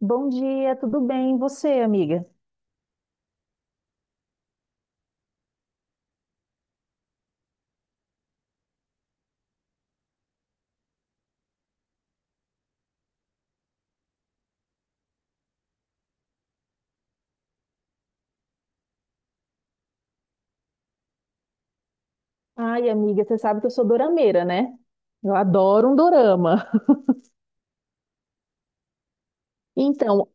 Bom dia, tudo bem? E você, amiga? Ai, amiga, você sabe que eu sou dorameira, né? Eu adoro um dorama. Então,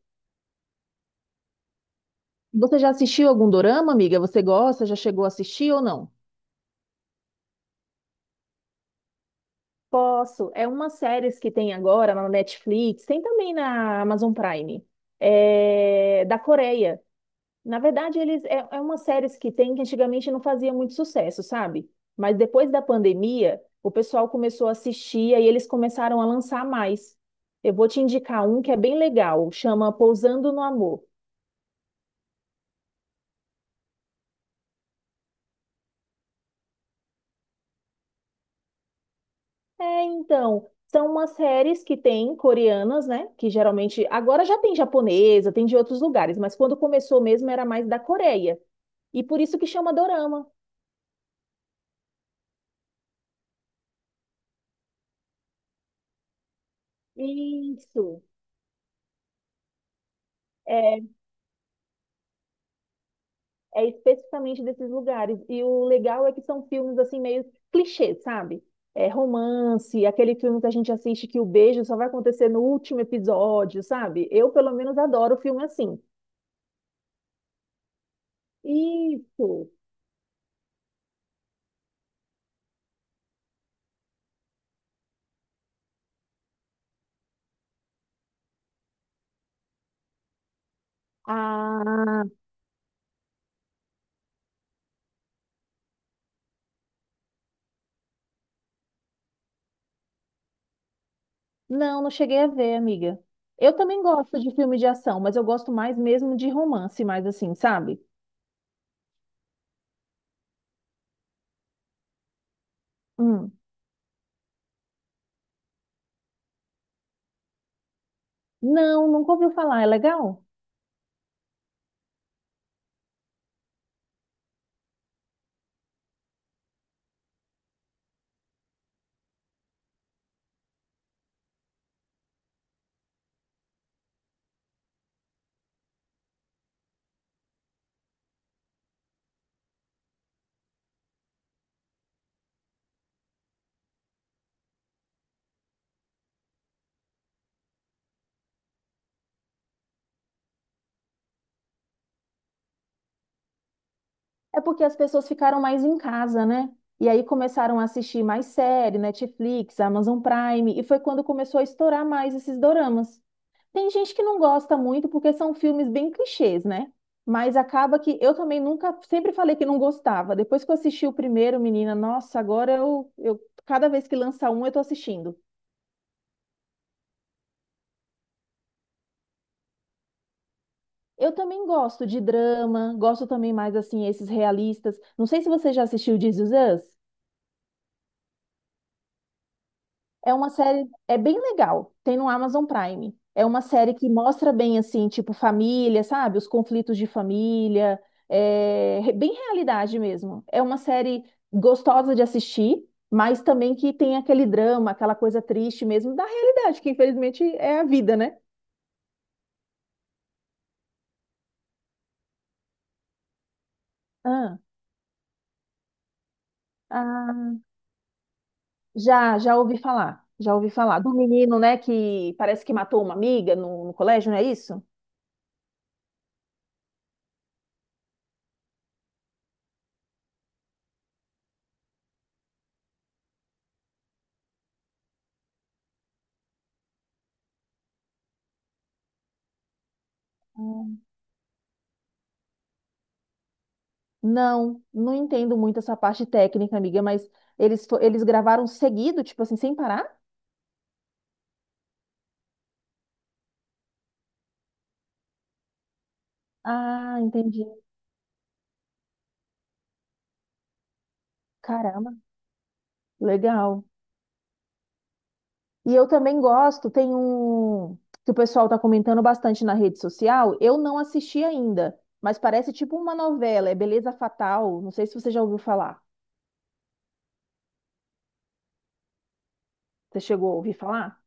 você já assistiu algum dorama, amiga? Você gosta? Já chegou a assistir ou não? Posso. É uma série que tem agora na Netflix, tem também na Amazon Prime, é da Coreia. Na verdade, é uma série que tem que antigamente não fazia muito sucesso, sabe? Mas depois da pandemia, o pessoal começou a assistir e eles começaram a lançar mais. Eu vou te indicar um que é bem legal, chama Pousando no Amor. É, então, são umas séries que tem coreanas, né? Que geralmente agora já tem japonesa, tem de outros lugares, mas quando começou mesmo era mais da Coreia. E por isso que chama Dorama. Isso. É especificamente desses lugares. E o legal é que são filmes assim meio clichê, sabe? É romance, aquele filme que a gente assiste que o beijo só vai acontecer no último episódio, sabe? Eu, pelo menos, adoro filme assim. Isso. Ah, não, não cheguei a ver, amiga. Eu também gosto de filme de ação, mas eu gosto mais mesmo de romance, mais assim, sabe? Hum. Não, nunca ouviu falar. É legal? É porque as pessoas ficaram mais em casa, né? E aí começaram a assistir mais série, Netflix, Amazon Prime, e foi quando começou a estourar mais esses doramas. Tem gente que não gosta muito porque são filmes bem clichês, né? Mas acaba que eu também nunca, sempre falei que não gostava. Depois que eu assisti o primeiro, menina, nossa, agora eu cada vez que lança um, eu tô assistindo. Eu também gosto de drama, gosto também mais assim esses realistas. Não sei se você já assistiu This Is Us. É uma série, é bem legal. Tem no Amazon Prime. É uma série que mostra bem assim, tipo família, sabe? Os conflitos de família, bem realidade mesmo. É uma série gostosa de assistir, mas também que tem aquele drama, aquela coisa triste mesmo da realidade, que infelizmente é a vida, né? Ah, ah, já ouvi falar. Já ouvi falar do menino, né, que parece que matou uma amiga no colégio, não é isso? Não, não entendo muito essa parte técnica, amiga, mas eles gravaram seguido, tipo assim, sem parar? Ah, entendi. Caramba, legal. E eu também gosto, tem um que o pessoal tá comentando bastante na rede social. Eu não assisti ainda, mas parece tipo uma novela, é Beleza Fatal. Não sei se você já ouviu falar. Você chegou a ouvir falar?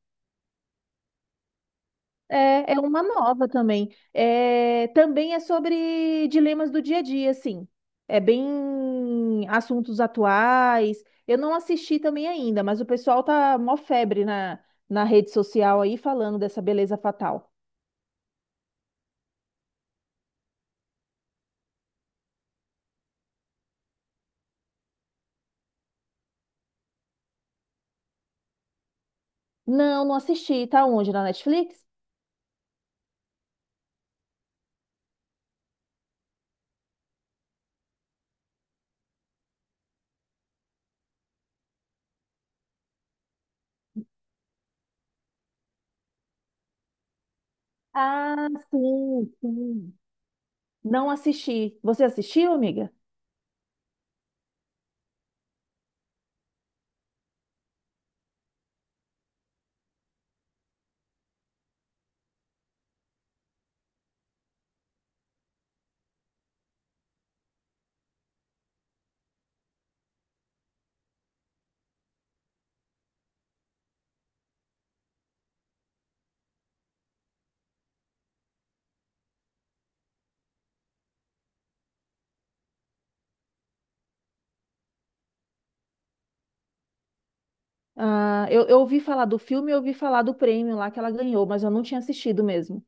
É, é uma nova também. É, também é sobre dilemas do dia a dia, assim. É bem assuntos atuais. Eu não assisti também ainda, mas o pessoal tá mó febre na rede social aí falando dessa beleza fatal. Não, não assisti. Tá onde? Na Netflix? Ah, sim, sim. Não assisti. Você assistiu, amiga? Ah, eu ouvi falar do filme, eu ouvi falar do prêmio lá que ela ganhou, mas eu não tinha assistido mesmo.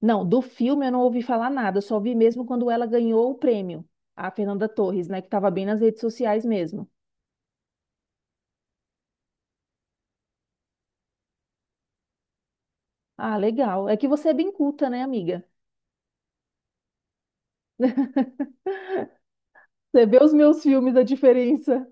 Não, do filme eu não ouvi falar nada, só vi mesmo quando ela ganhou o prêmio, a Fernanda Torres, né, que estava bem nas redes sociais mesmo. Ah, legal. É que você é bem culta, né, amiga? Você vê os meus filmes, a diferença.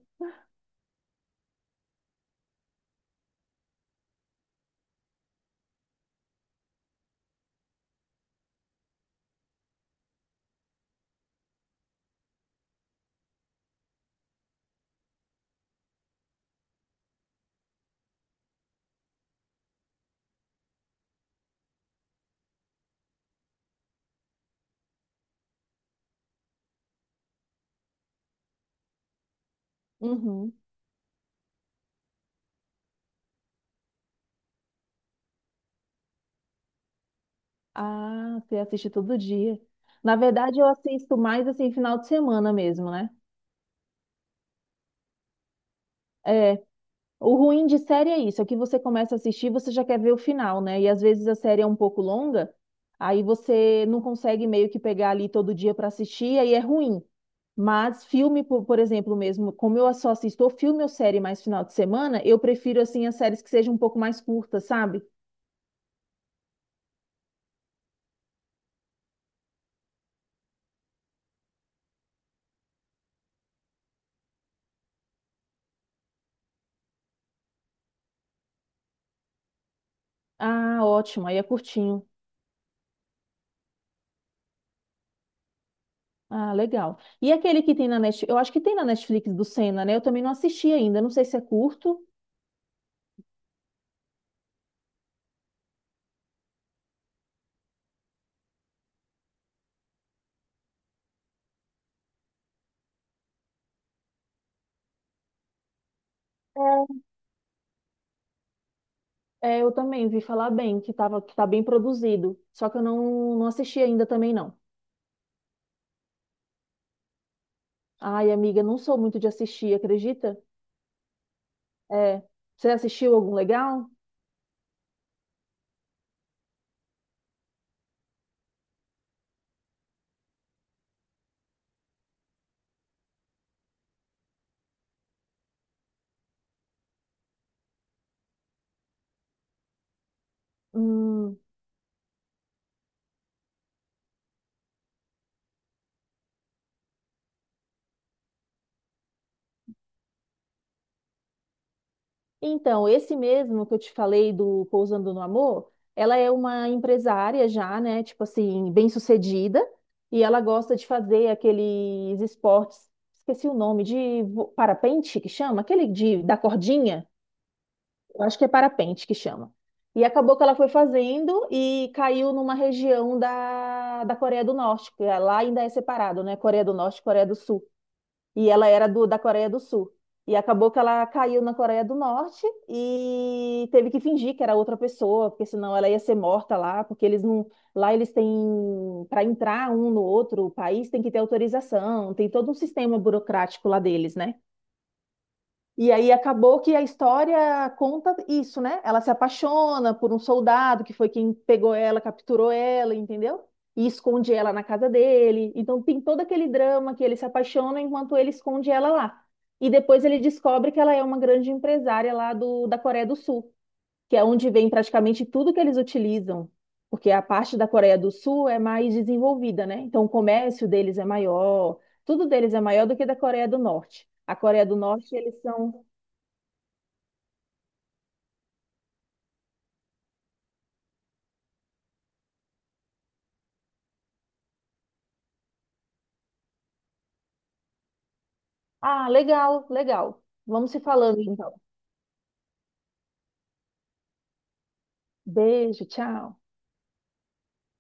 Uhum. Ah, você assiste todo dia. Na verdade, eu assisto mais assim final de semana mesmo, né? É, o ruim de série é isso, é que você começa a assistir, você já quer ver o final, né? E às vezes a série é um pouco longa, aí você não consegue meio que pegar ali todo dia para assistir, aí é ruim. Mas filme, por exemplo, mesmo, como eu só assisto ou filme ou série mais final de semana, eu prefiro, assim, as séries que sejam um pouco mais curtas, sabe? Ah, ótimo, aí é curtinho. Ah, legal. E aquele que tem na Netflix, eu acho que tem na Netflix do Senna, né? Eu também não assisti ainda, não sei se é curto. É, eu também vi falar bem, que tava, que tá bem produzido, só que eu não, não assisti ainda também, não. Ai, amiga, não sou muito de assistir, acredita? É. Você assistiu algum legal? Hum. Então, esse mesmo que eu te falei do Pousando no Amor, ela é uma empresária já, né? Tipo assim, bem-sucedida, e ela gosta de fazer aqueles esportes, esqueci o nome, parapente que chama? Aquele de da cordinha? Eu acho que é parapente que chama. E acabou que ela foi fazendo e caiu numa região da Coreia do Norte, que é, lá ainda é separado, né? Coreia do Norte e Coreia do Sul. E ela era da Coreia do Sul. E acabou que ela caiu na Coreia do Norte e teve que fingir que era outra pessoa, porque senão ela ia ser morta lá, porque eles não, lá eles têm, para entrar um no outro país tem que ter autorização, tem todo um sistema burocrático lá deles, né? E aí acabou que a história conta isso, né? Ela se apaixona por um soldado que foi quem pegou ela, capturou ela, entendeu? E esconde ela na casa dele. Então tem todo aquele drama que ele se apaixona enquanto ele esconde ela lá. E depois ele descobre que ela é uma grande empresária lá da Coreia do Sul, que é onde vem praticamente tudo que eles utilizam. Porque a parte da Coreia do Sul é mais desenvolvida, né? Então o comércio deles é maior, tudo deles é maior do que da Coreia do Norte. A Coreia do Norte, eles são. Ah, legal, legal. Vamos se falando então. Beijo, tchau.